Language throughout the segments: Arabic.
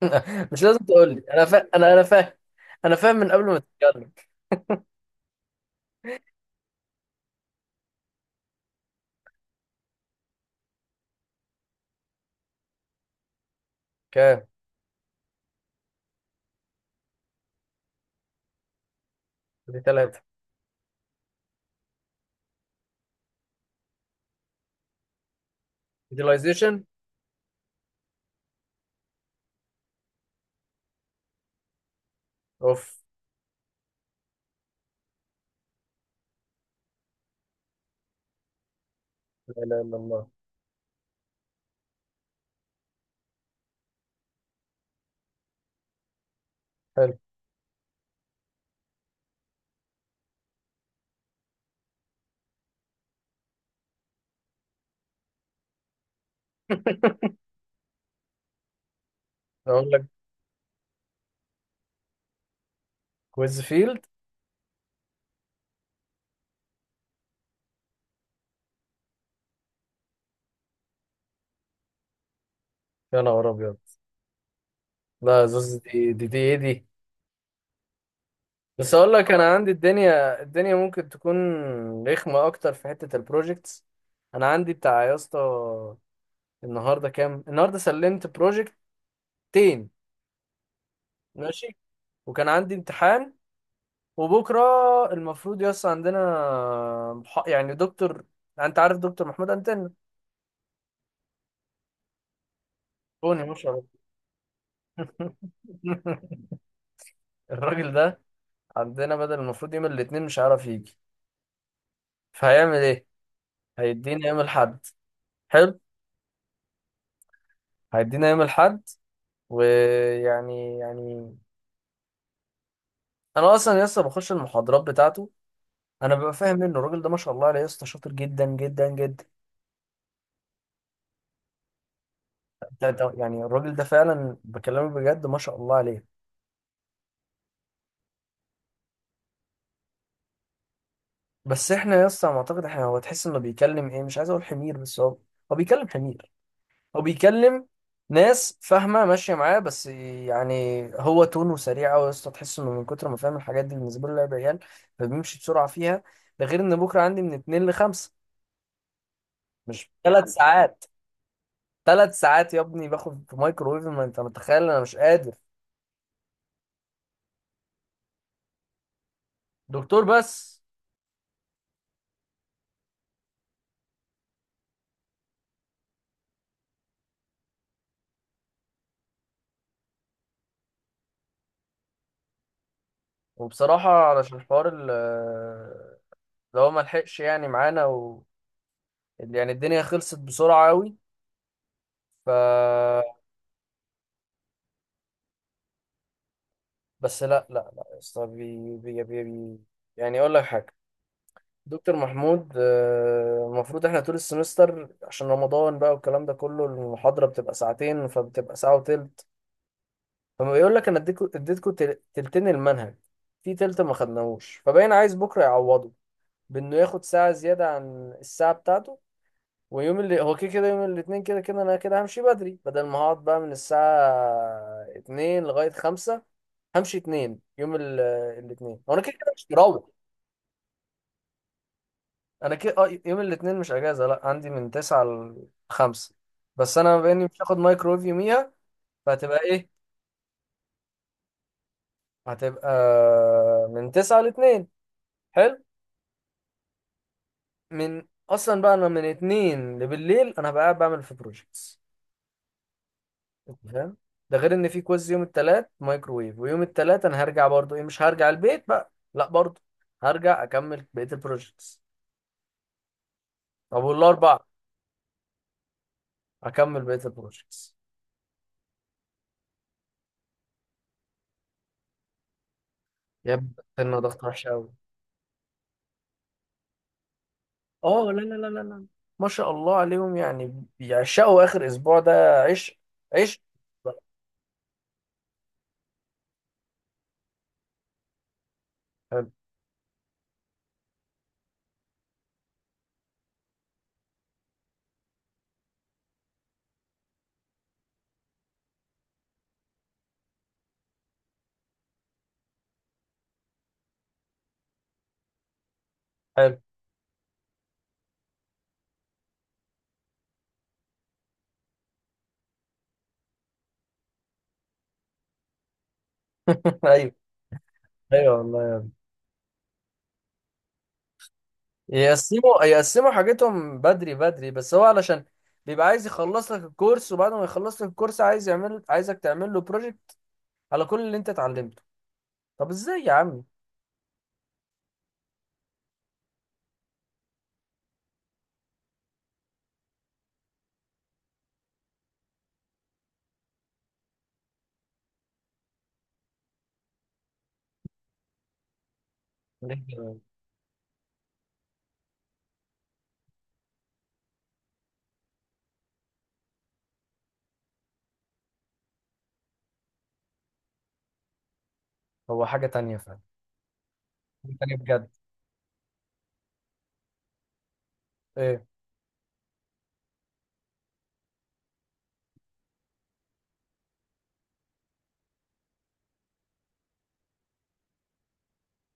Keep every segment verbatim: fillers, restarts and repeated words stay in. مش لازم تقول لي، انا فا... انا انا فاهم. انا فاهم من قبل ما تتكلم. كام؟ دي ثلاثة. Utilization. اوف. لا اله الا الله. حلو. اقول لك، كويز فيلد. يا نهار ابيض. لا زوز، دي دي دي ايه دي؟ بس اقول لك، انا عندي الدنيا الدنيا ممكن تكون رخمة اكتر في حتة البروجكتس. انا عندي بتاع يا اسطى، النهارده كام؟ النهارده سلمت بروجكتين. ماشي. وكان عندي امتحان وبكرة المفروض يس عندنا مح- يعني دكتور. انت عارف دكتور محمود انتن؟ بوني مش عارف. الراجل ده عندنا بدل المفروض يوم الاثنين مش عارف يجي. فهيعمل ايه؟ هيدينا يوم الاحد. حلو. هيدينا يوم الاحد. ويعني يعني انا اصلا لسه بخش المحاضرات بتاعته. انا ببقى فاهم منه. الراجل ده ما شاء الله عليه يا اسطى، شاطر جدا جدا جدا. ده- ده- يعني الراجل ده فعلا بكلمك بجد ما شاء الله عليه. بس احنا يا اسطى على ما اعتقد احنا، هو تحس انه بيكلم ايه، مش عايز اقول حمير، بس هو هو بيكلم حمير. هو بيكلم ناس فاهمه ماشيه معاه، بس يعني هو تونه سريع قوي يا اسطى. تحس انه من كتر ما فاهم الحاجات دي بالنسبه له لعب عيال، فبيمشي بسرعه فيها. ده غير ان بكره عندي من اتنين لخمسة. مش ثلاث ساعات؟ ثلاث ساعات يا ابني باخد في مايكرويف، ما انت متخيل، انا مش قادر. دكتور بس. وبصراحه علشان الحوار ال- اللي هو ما لحقش يعني معانا و... يعني الدنيا خلصت بسرعه قوي. ف بس، لا لا لا يا اسطى، بي بي بي بي يعني اقول لك حاجه. دكتور محمود، آه، المفروض احنا طول السمستر عشان رمضان بقى والكلام ده كله المحاضره بتبقى ساعتين، فبتبقى ساعه وتلت. فما بيقول لك انا اديتكم اديتكم تل- تلتين المنهج، في تلت ما خدناهوش. فباين عايز بكره يعوضه بانه ياخد ساعه زياده عن الساعه بتاعته. ويوم اللي هو كده كده يوم الاثنين كده كده انا كده همشي بدري، بدل ما هقعد بقى من الساعه اتنين لغايه خمسة. همشي اتنين، يوم ال- الاتنين هو انا كده كده مش مروح. انا كده، اه، يوم الاتنين مش اجازه، لا عندي من تسعة لخمسة، بس انا بما اني مش هاخد مايكرويف يوميها فهتبقى ايه؟ هتبقى من تسعة لاتنين. حلو. من اصلا بقى انا من اتنين لبالليل انا هبقى قاعد بعمل في بروجيكتس. أنت فاهم؟ ده غير ان في كويز يوم التلات مايكرويف، ويوم التلات انا هرجع برضو، ايه مش هرجع البيت بقى لا، برضو هرجع اكمل بقيه البروجيكتس. طب والاربع اكمل بقيه البروجيكتس. يا ابني استنى، ضغط وحش قوي. اه، لا لا لا لا لا، ما شاء الله عليهم يعني بيعشقوا اخر اسبوع ده عشق. عشق. حلو. حلو. ايوه. ايوه والله يا ابني، يقسموا يقسموا حاجتهم بدري بدري، بس هو علشان بيبقى عايز يخلص لك الكورس، وبعد ما يخلص لك الكورس عايز يعمل، عايزك تعمل له بروجكت على كل اللي انت اتعلمته. طب ازاي يا عم؟ ليه كده؟ هو حاجة تانية فعلا. حاجة تانية بجد. ايه؟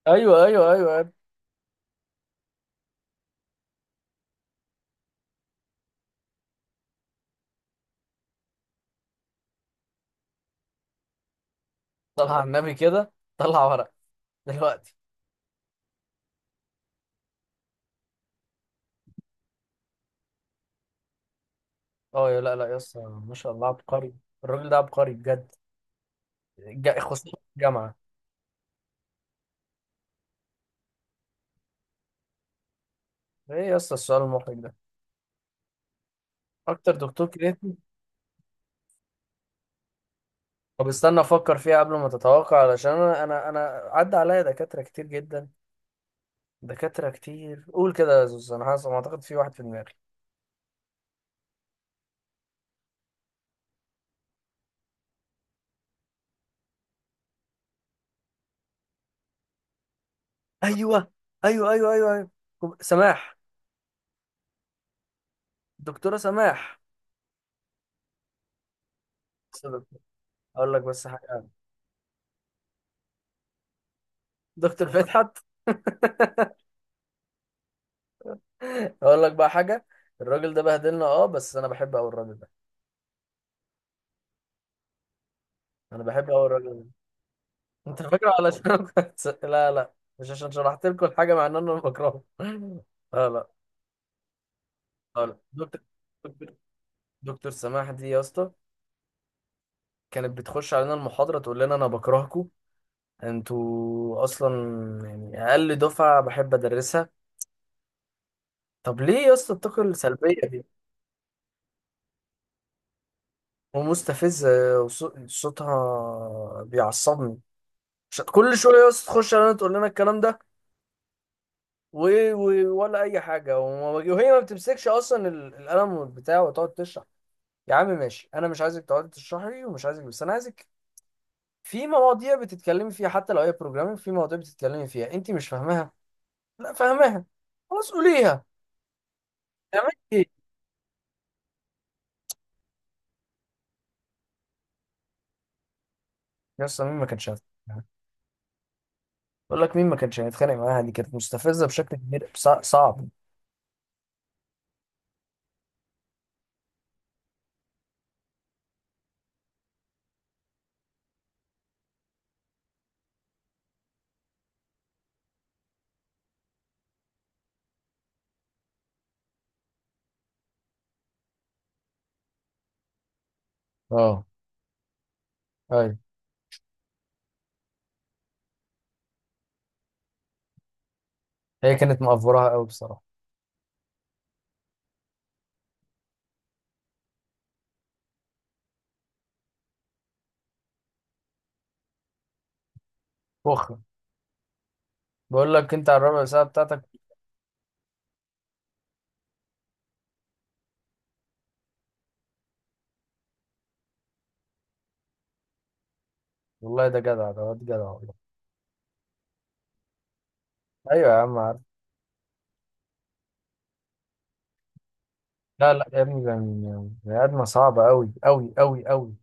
ايوه ايوه ايوه يا ابني. طلع على النبي كده طلع ورق دلوقتي. اه يا- لا لا يا اسطى، ما شاء الله عبقري. الراجل ده عبقري بجد، جا- خصوصا في الجامعة. ايه يا اسطى السؤال المحرج ده؟ اكتر دكتور كرهتني؟ طب استنى افكر فيها قبل ما تتوقع، علشان انا، انا انا عدى عليا دكاترة كتير جدا. دكاترة كتير، قول كده يا زوز، انا حاسس ما اعتقد في واحد في دماغي. ايوه ايوه ايوه ايوه ايوه، سماح. دكتورة سماح. اقول لك بس حاجة. دكتور فتحت. اقول لك بقى حاجة، الراجل ده بهدلنا، اه، بس انا بحب قوي الراجل ده. انا بحب قوي الراجل ده. انت فاكره علشان أنا كنت لا لا، مش عشان شرحت لكم الحاجه، مع ان انا بكرهه. لا. لا. لا لا. دكتور، دكتور سماح دي يا اسطى كانت بتخش علينا المحاضره تقول لنا انا بكرهكم، انتوا اصلا يعني اقل دفعه بحب ادرسها. طب ليه يا اسطى الطاقه السلبيه دي؟ ومستفزه، وص- صوتها بيعصبني. مش- كل شويه يا اسطى تخش علينا تقول لنا الكلام ده، و... و... ولا اي حاجه، وما- وهي ما بتمسكش اصلا ال- القلم بتاعه وتقعد تشرح. يا عم ماشي، انا مش عايزك تقعدي تشرحي لي، ومش عايزك، بس انا عايزك في مواضيع بتتكلمي فيها حتى لو هي بروجرامينج، في مواضيع بتتكلمي فيها انت مش فاهماها، لا فاهماها، خلاص قوليها، تعملي ايه؟ يا اسطى مين ما كانش هيتخانق معاها؟ بقول لك مين ما كانش هيتخانق معاها، دي كانت مستفزه بشكل كبير، صع- صعب. اه. ايوه. هي كانت مقفوراها قوي بصراحه. فخر. بقول لك انت على الربع ساعه بتاعتك. والله ده جدع، ده واد جدع والله. ايوه يا عم عارف. لا لا يا ابني، ده من- بني ادمه صعبه قوي قوي قوي قوي.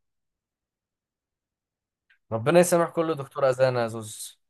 ربنا يسامح كل دكتور اذانه يا زوز.